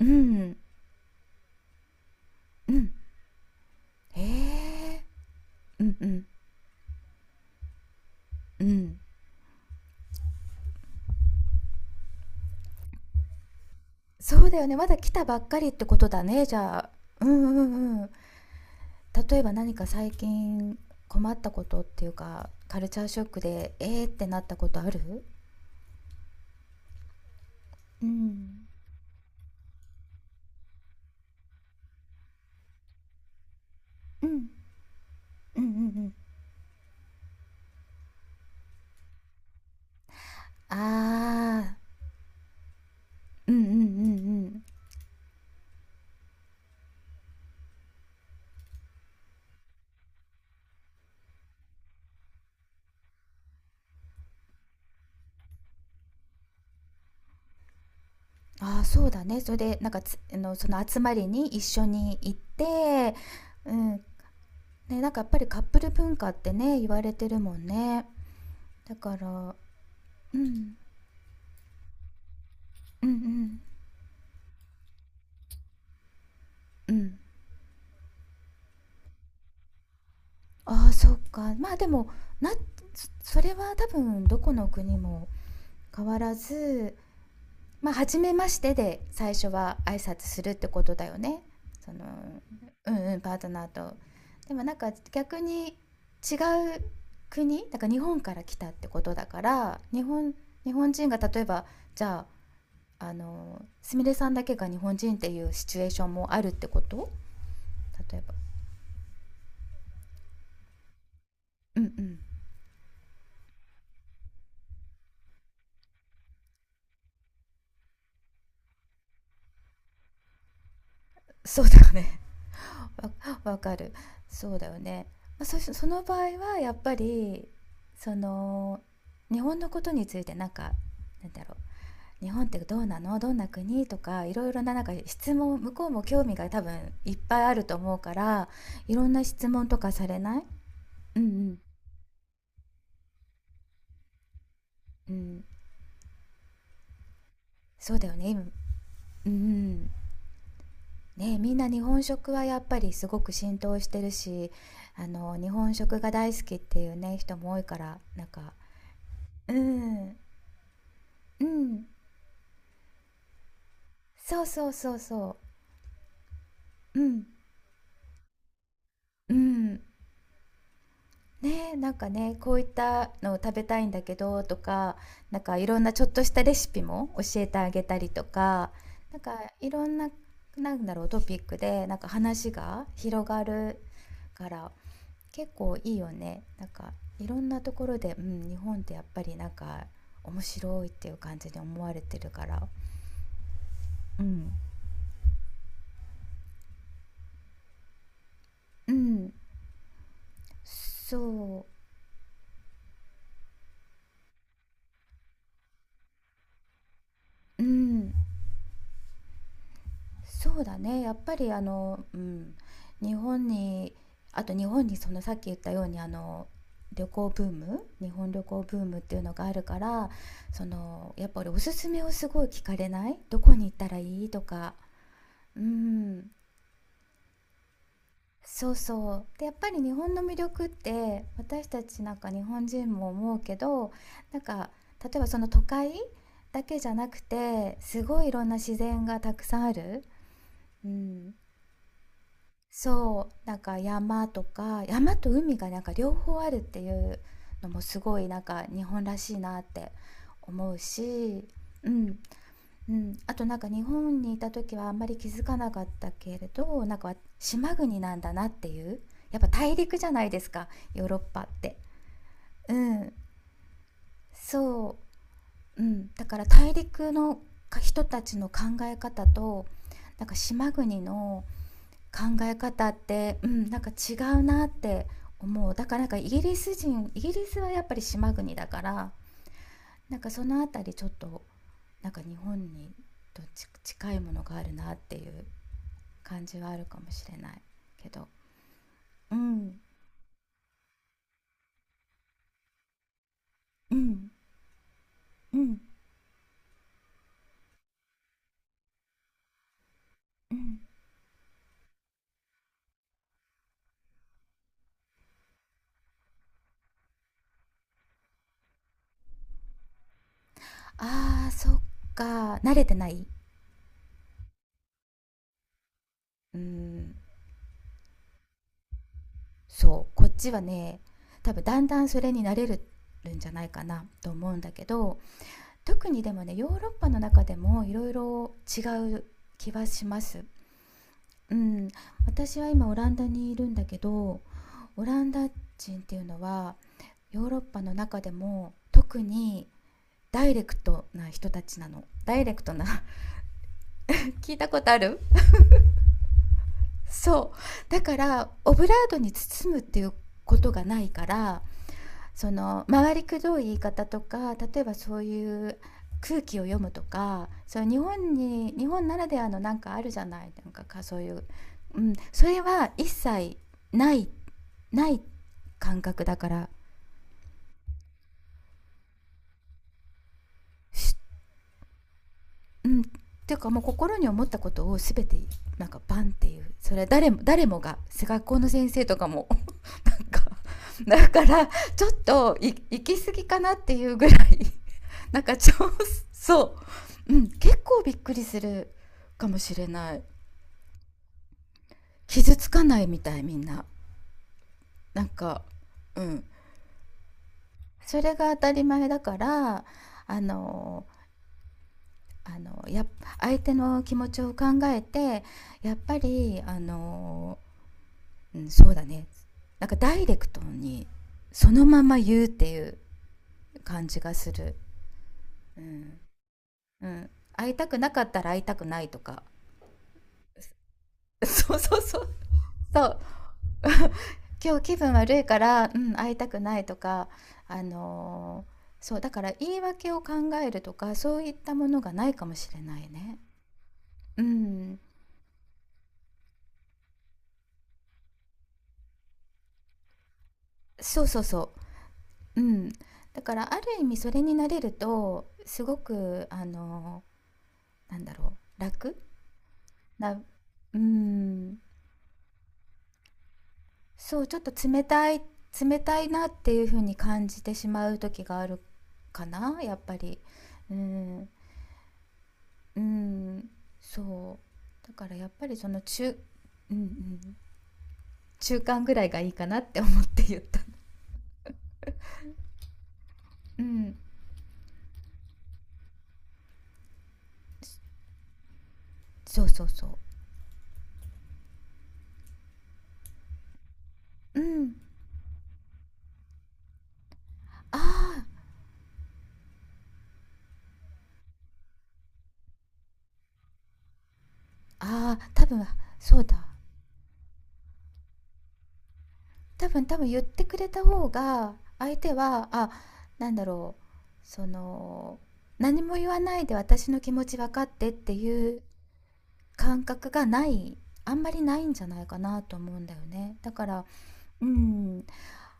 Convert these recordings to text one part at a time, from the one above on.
うん。うん。へえ。うん。うんうん。そうだよね、まだ来たばっかりってことだね、じゃあ。うん。うんうん。例えば何か最近困ったことっていうか、カルチャーショックでえーってなったことある？うん。うん。うんうん。うん。あー。うん。うんうん。うん。あー。そうだね。それでなんかあのその集まりに一緒に行って。うん。ね、なんかやっぱりカップル文化ってね、言われてるもんね。だから。うん。うんうん。うん。ああ、そっか。まあ、でも、なそれは多分どこの国も変わらず、まあ、初めましてで最初は挨拶するってことだよね。その、うんうん、パートナーと。でもなんか逆に違う国、だから日本から来たってことだから、日本、人が例えば、じゃあ、すみれさんだけが日本人っていうシチュエーションもあるってこと。例えば。うんうん。そうだよね。わかる。そうだよね。まあ、その場合はやっぱり、その、日本のことについてなんか、なんだろう。日本ってどうなの、どんな国とか、いろいろななんか質問、向こうも興味が多分いっぱいあると思うから、いろんな質問とかされない？うんうん。うん。そうだよね。今、うん。ね、みんな日本食はやっぱりすごく浸透してるし、日本食が大好きっていうね、人も多いから、なんか、うん、うん、そうそうそうそう。うん。うん。ねえ、なんかね、こういったのを食べたいんだけどとか、なんかいろんなちょっとしたレシピも教えてあげたりとか、なんかいろんな、なんだろう、トピックでなんか話が広がるから結構いいよね。なんかいろんなところで、うん、日本ってやっぱりなんか面白いっていう感じに思われてるから。うん。うん。そう。うん。そうだね、やっぱりうん、日本に、あと日本にそのさっき言ったようにあの旅行ブーム、日本旅行ブームっていうのがあるから、そのやっぱりおすすめをすごい聞かれない？どこに行ったらいいとか、うん、そうそう。で、やっぱり日本の魅力って私たちなんか日本人も思うけど、なんか例えばその都会だけじゃなくて、すごいいろんな自然がたくさんある。うん。そう、なんか山とか、山と海がなんか両方あるっていうのもすごいなんか日本らしいなって思うし、うん、うん。あとなんか日本にいた時はあんまり気づかなかったけれど、なんか島国なんだなっていう。やっぱ大陸じゃないですか、ヨーロッパって。うん、そう、うん。だから大陸の人たちの考え方と、なんか島国の考え方って、うん、なんか違うなって思う。だからなんかイギリスはやっぱり島国だから、なんかそのあたりちょっとなんか日本に近いものがあるなっていう感じはあるかもしれないけど。うん。うん。うん。うん。あー、そっか、慣れてない。うん、そうこっちはね、多分だんだんそれに慣れるんじゃないかなと思うんだけど、特にでもね、ヨーロッパの中でもいろいろ違う気はします。うん、私は今オランダにいるんだけど、オランダ人っていうのはヨーロッパの中でも特にダイレクトな人たちなの。ダイレクトな。 聞いたことある。そうだからオブラートに包むっていうことがないから、その回りくどい言い方とか、例えばそういう空気を読むとか、そう、日本ならではのなんかあるじゃない、なんかそういう、うん、それは一切ない。ない感覚だから、うん、っていうかもう心に思ったことを全てなんかバンっていう、それは誰もが学校の先生とかもなんか、 だからちょっと行き過ぎかなっていうぐらい、 なんかそう、うん、結構びっくりするかもしれない。傷つかないみたい、みんな。なんか、うん、それが当たり前だから、あのあのや相手の気持ちを考えてやっぱりうん、そうだね、なんかダイレクトにそのまま言うっていう感じがする、うん、うん、会いたくなかったら会いたくないとか、 そうそうそうそう、今日気分悪いから、うん、会いたくないとか、あのーそうだから言い訳を考えるとか、そういったものがないかもしれないね。うん、そうそうそう、うん、だからある意味それになれるとすごくなんだろう、楽な、うん、そう、ちょっと冷たい、冷たいなっていう風に感じてしまう時があるかな、やっぱり。うん、うん、そう。だからやっぱりその中、うんうん、中間ぐらいがいいかなって思って言った。うん、そうそうそう、うん、あー、あー、あ、多分、そうだ、多分言ってくれた方が、相手は、あ、なんだろう、その、何も言わないで私の気持ち分かってっていう感覚がない、あんまりないんじゃないかなと思うんだよね。だから、うん、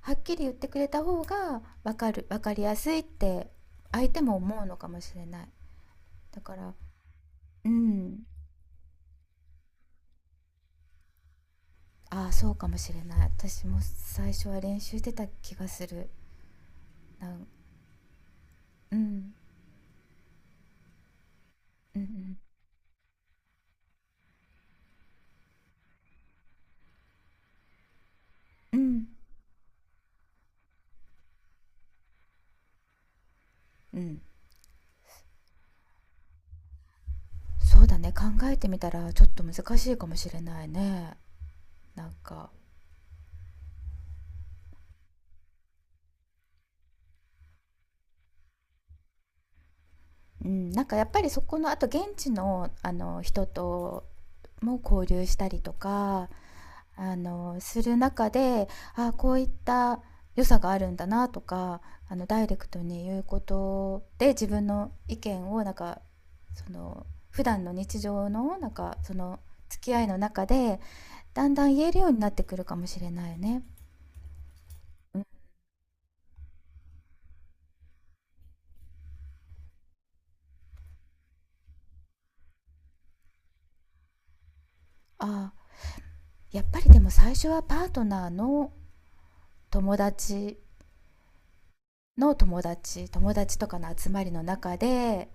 はっきり言ってくれた方が分かりやすいって相手も思うのかもしれない。だから、うん、ああ、そうかもしれない、私も最初は練習してた気がするな。うん。うん。うん。うん。うん。そうだね、考えてみたらちょっと難しいかもしれないね、なんか、うん、なんかやっぱりそこのあと現地のあの人とも交流したりとか、する中で、あ、こういった良さがあるんだなとか、ダイレクトに言うことで、自分の意見をなんか、その、普段の日常のなんか、その、付き合いの中で、だんだん言えるようになってくるかもしれないよね。うん、あ、やっぱりでも最初はパートナーの友達の友達、友達とかの集まりの中で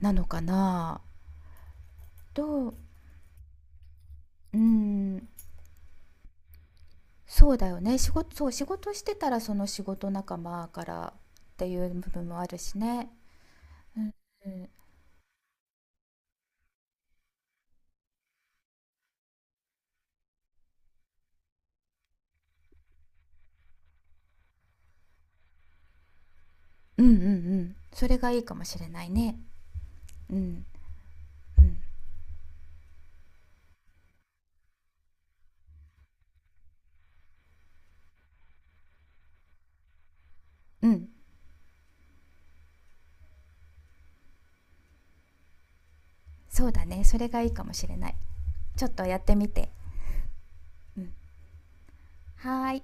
なのかな。と、うん、そうだよね。そう、仕事してたらその仕事仲間からっていう部分もあるしね。うん、うん、うんうんうん、それがいいかもしれないね。うん、うん、うん。そうだね。それがいいかもしれない。ちょっとやってみて。うん。はーい。